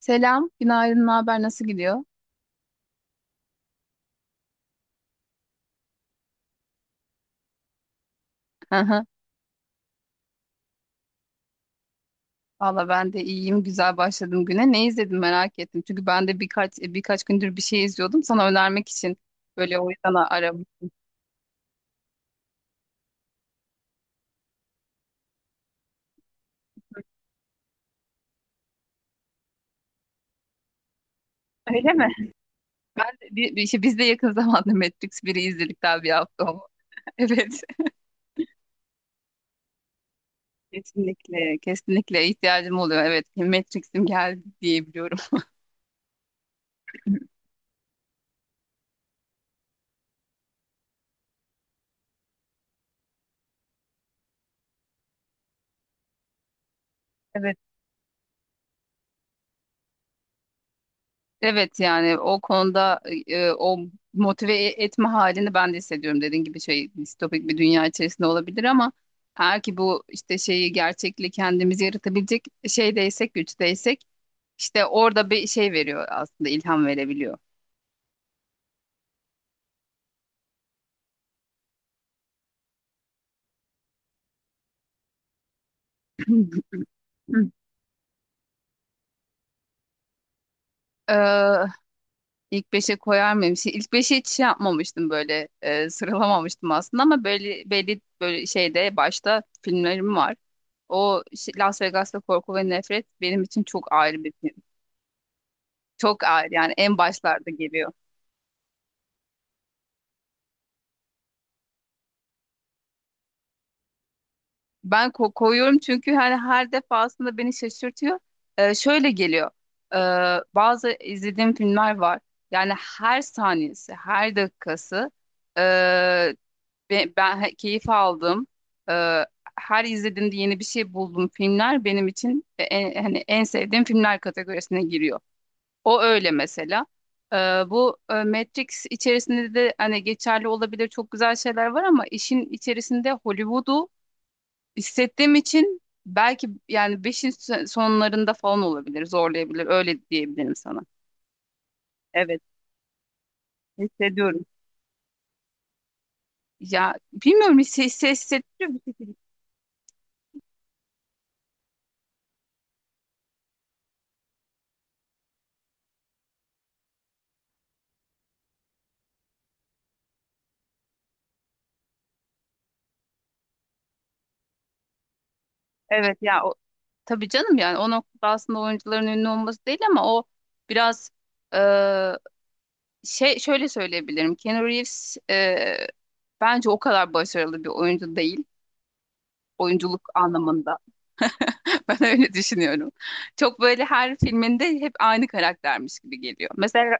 Selam, günaydın, ne haber, nasıl gidiyor? Aha. Valla ben de iyiyim, güzel başladım güne. Ne izledim merak ettim. Çünkü ben de birkaç gündür bir şey izliyordum. Sana önermek için böyle, o yüzden aradım. Öyle mi? Ben de, bir, bir, işte biz de yakın zamanda Matrix biri izledik, daha bir hafta oldu. Evet. Kesinlikle, kesinlikle ihtiyacım oluyor. Evet, Matrix'im geldi diyebiliyorum. Evet, yani o konuda o motive etme halini ben de hissediyorum. Dediğin gibi şey, distopik bir dünya içerisinde olabilir ama eğer ki bu işte şeyi, gerçekliği kendimiz yaratabilecek şeydeysek, güçteysek, işte orada bir şey veriyor, aslında ilham verebiliyor. Ee, ilk beşe koyar mıyım? Şey, ilk beşe hiç şey yapmamıştım, böyle sıralamamıştım aslında ama böyle belli, böyle şeyde başta filmlerim var. Las Vegas'ta Korku ve Nefret benim için çok ayrı bir film. Çok ağır, yani en başlarda geliyor. Ben koyuyorum çünkü hani her defasında beni şaşırtıyor. Şöyle geliyor. Ee, Bazı izlediğim filmler var. Yani her saniyesi, her dakikası ee, keyif aldım. Ee, Her izlediğimde yeni bir şey buldum. Filmler benim için en, hani en sevdiğim filmler kategorisine giriyor. O öyle mesela. Ee, Bu Matrix içerisinde de hani geçerli olabilir, çok güzel şeyler var ama işin içerisinde Hollywood'u hissettiğim için, belki yani beşin sonlarında falan olabilir, zorlayabilir. Öyle diyebilirim sana. Evet, hissediyorum. Ya bilmiyorum, hissettiriyor. Evet ya, o tabii canım, yani o noktada aslında oyuncuların ünlü olması değil ama o biraz e, şey, şöyle söyleyebilirim. Keanu Reeves bence o kadar başarılı bir oyuncu değil, oyunculuk anlamında. Ben öyle düşünüyorum. Çok böyle her filminde hep aynı karaktermiş gibi geliyor. Mesela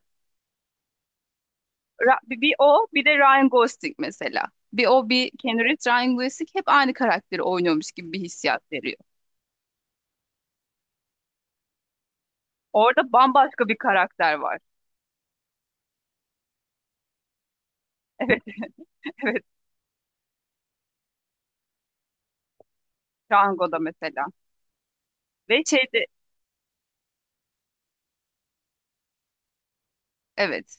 bir de Ryan Gosling mesela. Bir Keanu Reeves, Ryan Gosling hep aynı karakteri oynuyormuş gibi bir hissiyat veriyor. Orada bambaşka bir karakter var. Evet, evet. Django'da mesela. Ve şeyde evet,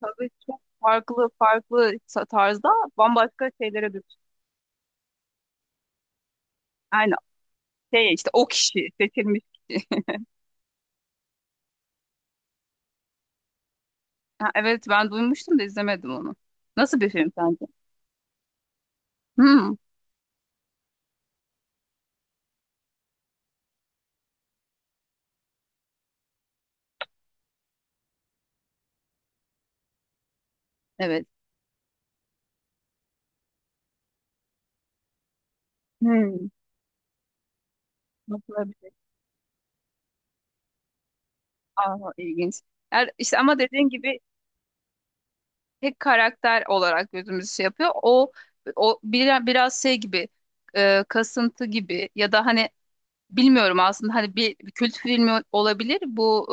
tabii çok farklı tarzda bambaşka şeylere düşün. Yani şey, işte o kişi seçilmiş kişi. Ha, evet, ben duymuştum da izlemedim onu. Nasıl bir film sence? Hmm, evet. Hmm, nasıl bir şey? Aa, ilginç. Yani işte, ama dediğin gibi tek karakter olarak gözümüzü şey yapıyor. O biraz şey gibi, kasıntı gibi, ya da hani bilmiyorum aslında, hani bir kült filmi olabilir. Bu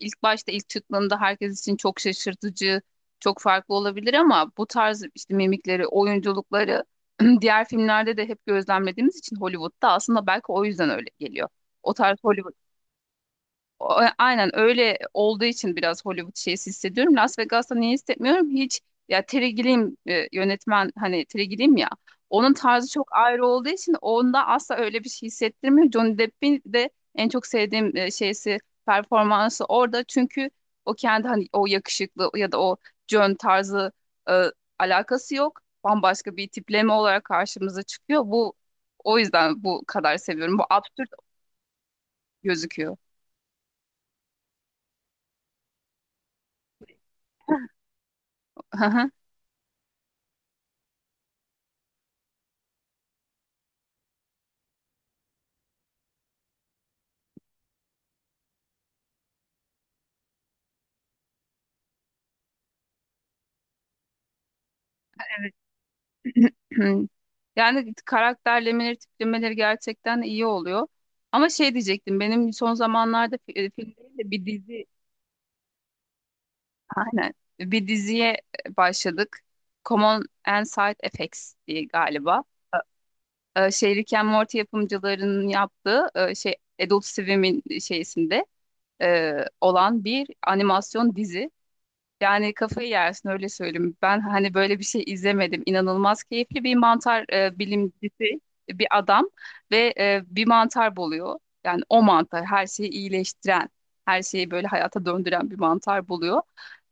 ilk başta, ilk çıktığında herkes için çok şaşırtıcı, çok farklı olabilir ama bu tarz işte mimikleri, oyunculukları diğer filmlerde de hep gözlemlediğimiz için, Hollywood'da aslında, belki o yüzden öyle geliyor. O tarz Hollywood. Aynen öyle olduğu için biraz Hollywood şeysi hissediyorum. Las Vegas'ta niye hissetmiyorum? Hiç, ya Terry Gilliam yönetmen, hani Terry Gilliam ya, onun tarzı çok ayrı olduğu için onda asla öyle bir şey hissettirmiyor. Johnny Depp'in de en çok sevdiğim şeysi, performansı orada çünkü o kendi, hani o yakışıklı ya da o John tarzı, e, alakası yok. Bambaşka bir tipleme olarak karşımıza çıkıyor. Bu o yüzden bu kadar seviyorum. Bu absürt gözüküyor. Yani karakterlemeleri, tiplemeleri gerçekten iyi oluyor. Ama şey diyecektim, benim son zamanlarda film değil de bir dizi, aynen, bir diziye başladık. Common and Side Effects diye galiba. Şey, Rick and Morty yapımcılarının yaptığı, şey, Adult Swim'in şeysinde e, olan bir animasyon dizi. Yani kafayı yersin, öyle söyleyeyim. Ben hani böyle bir şey izlemedim. İnanılmaz keyifli bir mantar bilimcisi, bir adam ve bir mantar buluyor. Yani o mantar her şeyi iyileştiren, her şeyi böyle hayata döndüren bir mantar buluyor.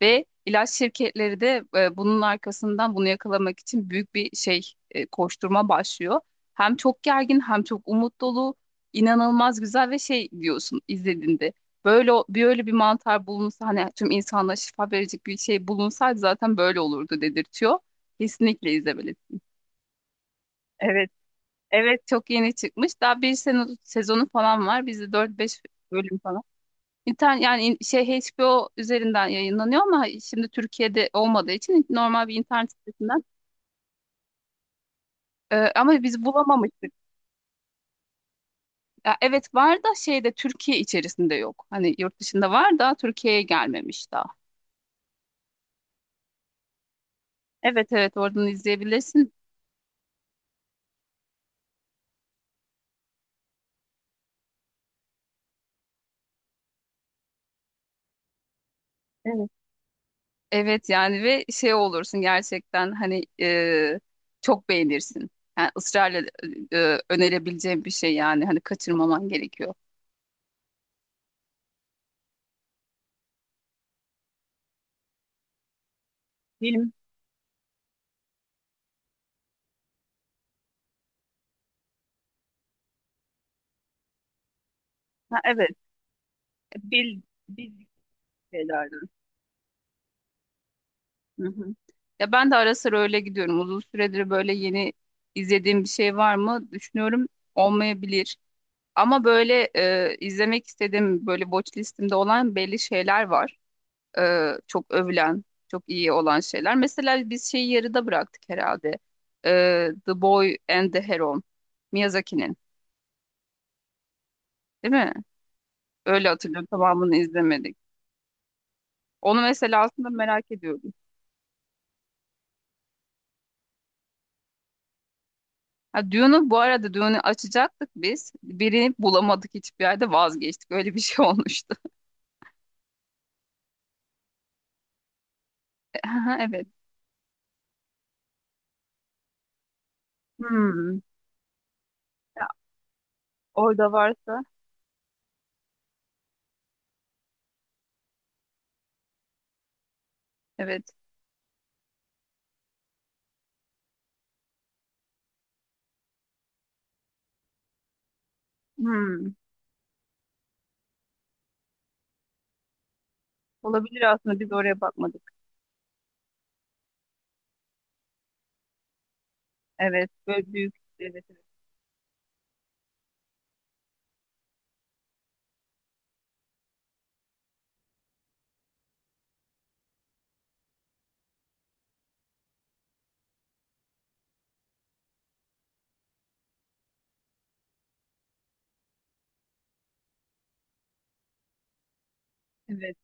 Ve ilaç şirketleri de bunun arkasından, bunu yakalamak için büyük bir şey, koşturma başlıyor. Hem çok gergin, hem çok umut dolu, inanılmaz güzel ve şey diyorsun izlediğinde. Böyle bir öyle bir mantar bulunsa, hani tüm insanlığa şifa verecek bir şey bulunsaydı zaten böyle olurdu dedirtiyor. Kesinlikle izlemelisin. Evet. Evet, çok yeni çıkmış. Daha bir sene, sezonu falan var. Bizde dört beş bölüm falan. İnternet, yani şey HBO üzerinden yayınlanıyor ama şimdi Türkiye'de olmadığı için normal bir internet sitesinden. Ama biz bulamamıştık. Ya evet, var da şeyde, Türkiye içerisinde yok. Hani yurt dışında var da Türkiye'ye gelmemiş daha. Evet, evet, oradan izleyebilirsin. Evet, yani ve şey olursun gerçekten, hani çok beğenirsin. Yani ısrarla önerebileceğim bir şey, yani hani kaçırmaman gerekiyor. Film. Ha, evet. Bil, bildik şeylerden. Hı hı. Ya ben de ara sıra öyle gidiyorum. Uzun süredir böyle yeni izlediğim bir şey var mı düşünüyorum, olmayabilir. Ama böyle izlemek istediğim, böyle watch listemde olan belli şeyler var. Çok övülen, çok iyi olan şeyler. Mesela biz şeyi yarıda bıraktık herhalde. E, The Boy and the Heron. Miyazaki'nin, değil mi? Öyle hatırlıyorum. Tamamını izlemedik. Onu mesela aslında merak ediyordum. Ha, Dune'u bu arada, Dune'u açacaktık biz. Birini bulamadık hiçbir yerde, vazgeçtik. Öyle bir şey olmuştu. Aha, evet. Hmm. Ya, orada varsa evet. Hmm. Olabilir, aslında biz oraya bakmadık. Evet. Böyle büyük. Evet. Evet. Evet.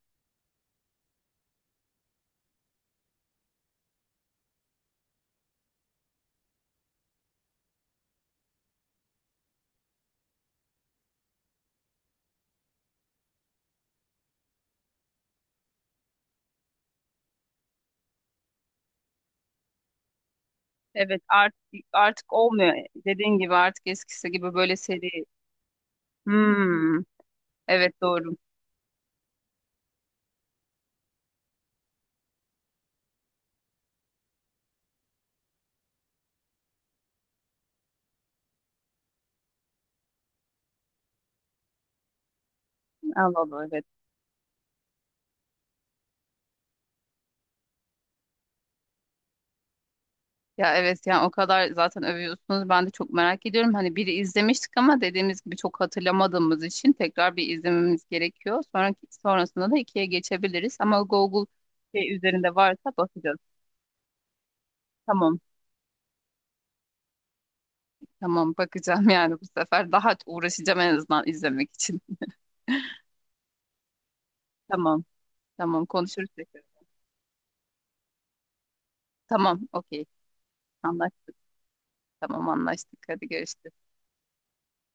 Evet, artık olmuyor. Dediğin gibi artık eskisi gibi böyle seri. Hmm. Evet, doğru. Allah Allah, evet. Ya evet, yani o kadar zaten övüyorsunuz. Ben de çok merak ediyorum. Hani biri izlemiştik ama dediğimiz gibi çok hatırlamadığımız için tekrar bir izlememiz gerekiyor. Sonraki, sonrasında da ikiye geçebiliriz. Ama Google şey üzerinde varsa bakacağız. Tamam. Tamam, bakacağım yani bu sefer. Daha uğraşacağım en azından izlemek için. Tamam. Tamam, konuşuruz tekrar. Tamam. Okey. Anlaştık. Tamam, anlaştık. Hadi görüşürüz.